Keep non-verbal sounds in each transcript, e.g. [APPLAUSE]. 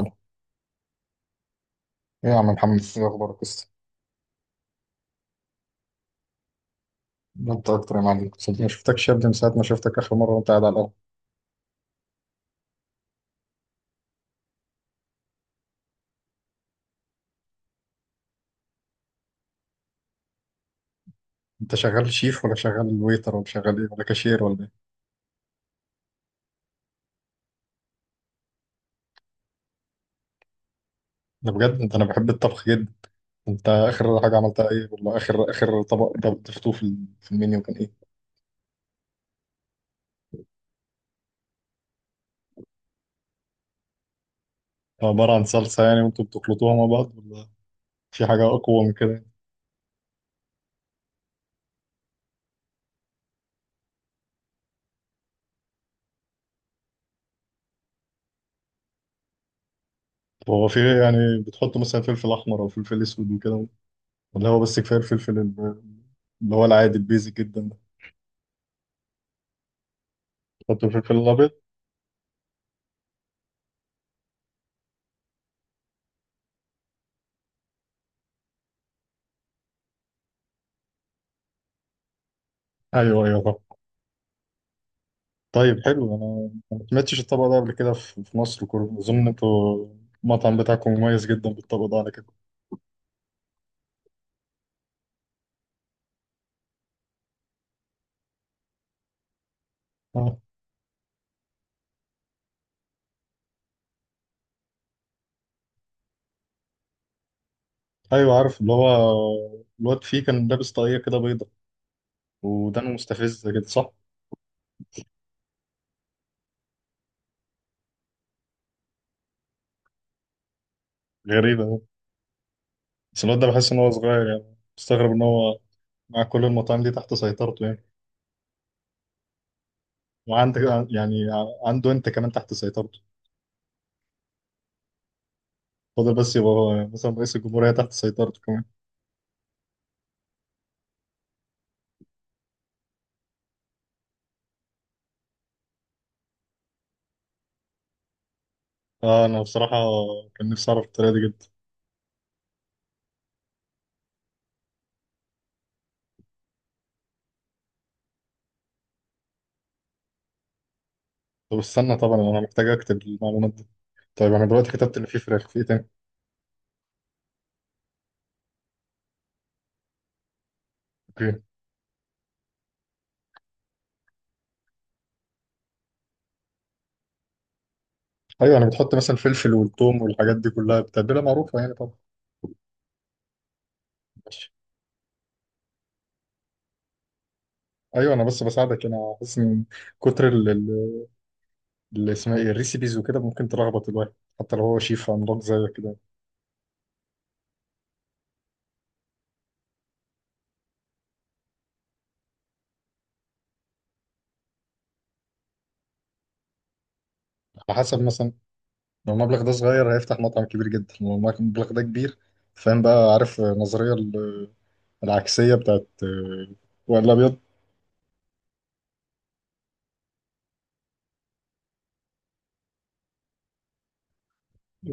ايه؟ يا عم محمد، ايه اخبارك لسه؟ ده انت اكتر يا معلم، صدق ما شفتكش يا ابني من ساعه ما شفتك اخر مره وانت قاعد على القهوه. انت شغال شيف ولا شغال ويتر ولا شغال ايه ولا كاشير ولا ايه؟ انا بجد انت، انا بحب الطبخ جدا. انت اخر حاجه عملتها ايه، ولا اخر اخر طبق انت ضفتوه في المنيو كان ايه؟ عباره عن صلصه يعني وانتوا بتخلطوها مع بعض، ولا في حاجه اقوى من كده؟ طب هو في إيه يعني؟ بتحطوا مثلا فلفل احمر او فلفل اسود وكده، ولا هو بس كفايه اللي هو العادي البيزك جدا ده؟ بتحطوا الفلفل الابيض؟ ايوه ايوه. طيب حلو، أنا ما سمعتش الطبق ده قبل كده في مصر كله، اظن انتوا المطعم بتاعكم مميز جدا بالطبق ده على كده. آه. ايوه عارف اللي هو الواد فيه كان لابس طاقية كده بيضة، ودانه مستفزة كده، صح؟ غريبة أوي. بس الواد ده بحس ان هو صغير، يعني مستغرب ان هو مع كل المطاعم دي تحت سيطرته يعني. وعندك، يعني عنده انت كمان تحت سيطرته. فاضل بس يبقى هو يعني مثلا رئيس الجمهورية تحت سيطرته كمان. اه، انا بصراحة كان نفسي اعرف الطريقة دي جدا. طب استنى، طبعا انا محتاج اكتب المعلومات دي. طيب انا دلوقتي كتبت ان في فراخ، في ايه تاني؟ اوكي. ايوه، انا بتحط مثلا فلفل والثوم والحاجات دي كلها، بتتبيله معروفه يعني طبعا. ماشي. ايوه، انا بس بساعدك، انا حاسس ان كتر اللي اسمها ايه الريسيبيز وكده ممكن تلخبط الواحد، حتى لو هو شيف عملاق زيك كده. على حسب، مثلا لو المبلغ ده صغير هيفتح مطعم كبير جدا، لو المبلغ ده كبير. فاهم بقى؟ عارف العكسيه بتاعت وائل الابيض.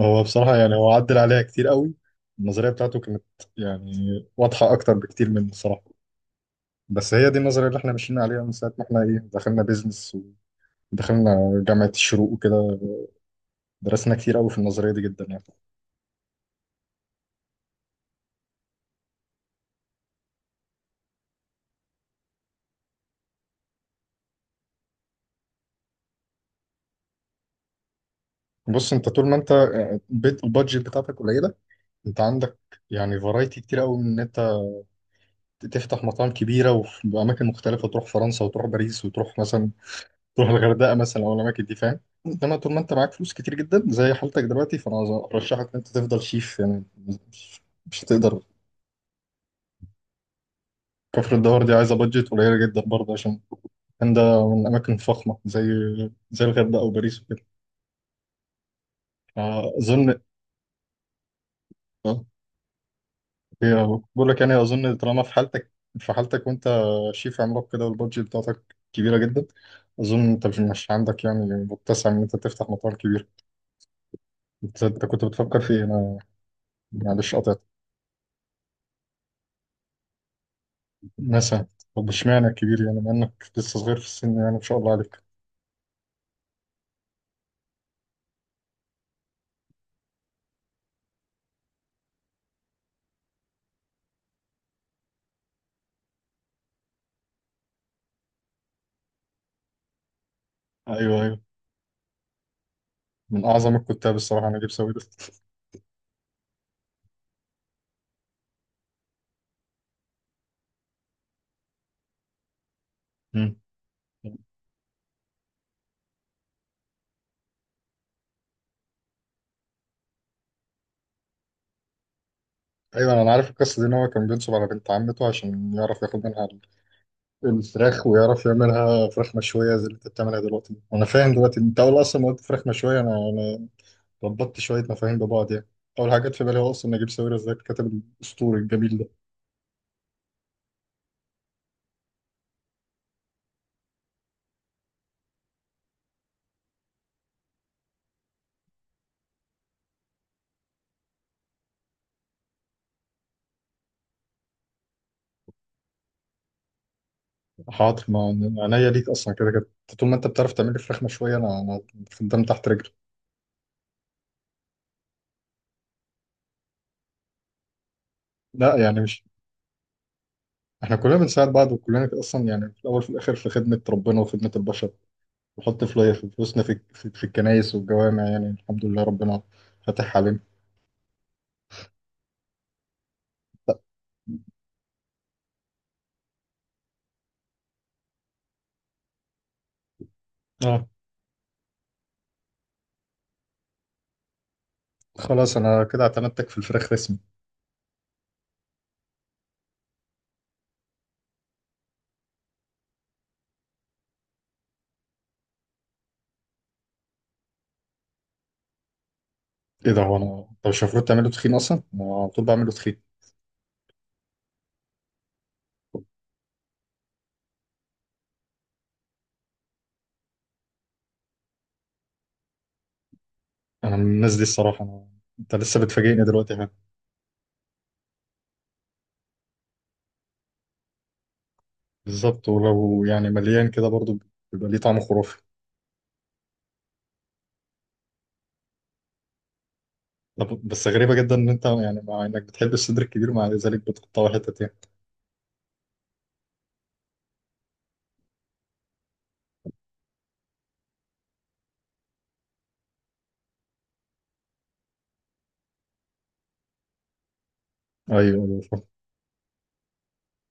هو بصراحه يعني هو عدل عليها كتير قوي. النظريه بتاعته كانت يعني واضحه اكتر بكتير من الصراحه، بس هي دي النظرية اللي احنا ماشيين عليها من ساعة ما احنا ايه دخلنا بيزنس ودخلنا جامعة الشروق وكده. درسنا كتير قوي في النظرية دي جدا يعني. بص انت طول ما انت البادجت بتاعتك قليلة، انت عندك يعني فرايتي كتير قوي من ان انت تفتح مطاعم كبيرة وفي أماكن مختلفة، تروح فرنسا وتروح باريس وتروح مثلا، تروح الغردقة مثلا أو الأماكن دي فاهم. انما طول ما انت معاك فلوس كتير جدا زي حالتك دلوقتي فانا ارشحك ان انت تفضل شيف يعني. مش هتقدر. كفر الدوار دي عايزة بادجت قليلة جدا برضه، عشان كان ده من أماكن فخمة زي زي الغردقة أو باريس وكده. أظن آه، هي بقول لك يعني، أظن طالما في حالتك، وأنت شيف عملاق كده والبادجت بتاعتك كبيرة جدا. أظن أنت مش عندك يعني متسع إن أنت تفتح مطار كبير. أنت كنت بتفكر في إيه؟ أنا معلش قطعت. مثلا. طب إشمعنى كبير يعني، مع إنك لسه صغير في السن يعني ما شاء الله عليك. أيوه أيوه. من أعظم الكتاب الصراحة نجيب ساويرس. [LAUGHS] ايوه انا عارف القصه دي، ان هو كان بينصب على بنت عمته عشان يعرف ياخد منها الفراخ، ويعرف يعملها فراخ مشويه زي اللي انت بتعملها دلوقتي. وانا فاهم دلوقتي، انت اول اصلا ما قلت فراخ مشويه انا ربطت شويه مفاهيم ببعض يعني. اول حاجه جت في بالي هو اصلا نجيب ساويرس، ازاي الكاتب الاسطوري الجميل ده. حاضر، ما عينيا ليك اصلا كده كده. طول ما انت بتعرف تعمل لي فراخ مشويه انا خدام تحت رجلي. لا يعني مش، احنا كلنا بنساعد بعض وكلنا اصلا يعني في الاول وفي الاخر في خدمه ربنا وخدمه البشر. نحط فلاير في فلوسنا في الكنايس والجوامع يعني الحمد لله ربنا فاتح علينا. اه. خلاص انا كده اعتمدتك في الفراخ رسمي. ايه ده؟ هو انا، انت مش المفروض تعمله تخين اصلا؟ انا على طول بعمله تخين. انا من الناس دي الصراحه، انا انت لسه بتفاجئني دلوقتي ها. بالظبط، ولو يعني مليان كده برضو بيبقى ليه طعم خرافي. طب بس غريبه جدا ان انت، يعني مع انك بتحب الصدر الكبير مع ذلك بتقطعه حتت يعني. ايوه ايوه فاهم.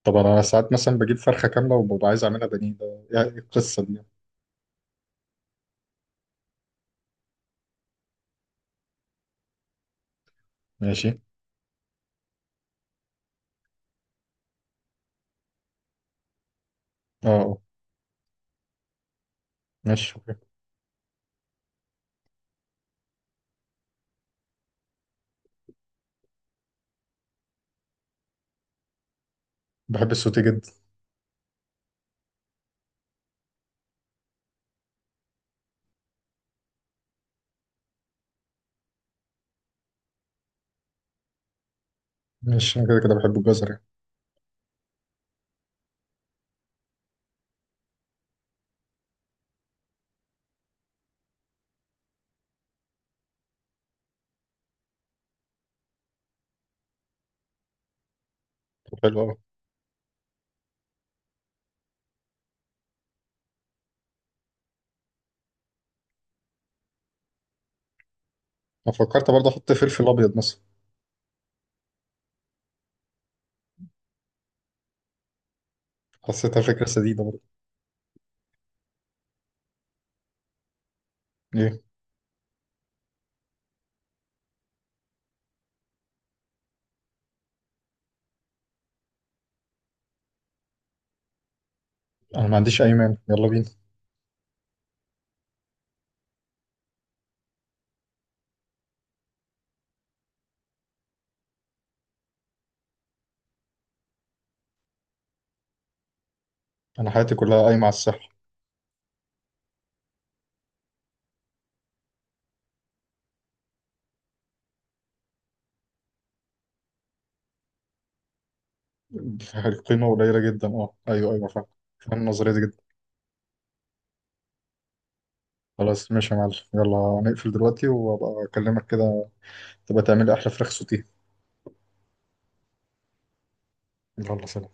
طب انا ساعات مثلا بجيب فرخه كامله وببقى عايز اعملها بانيه، ده يعني إيه القصه دي يعني؟ ماشي. اه اه. ماشي. بحب السوتي جدا. ماشي، انا كده كده بحب الجزر يعني. طب حلو قوي. انا فكرت برضه احط فلفل ابيض مثلا. حسيتها فكره سديده برضه. ايه؟ انا ما عنديش اي مانع، يلا بينا. انا حياتي كلها قايمه على الصحه. القيمه قليله جدا، اه ايوه ايوه فاهم. فاهم النظريه دي جدا. خلاص ماشي يا معلم، يلا نقفل دلوقتي وابقى اكلمك كده. تبقى تعملي احلى فراخ سوتيه. يلا سلام.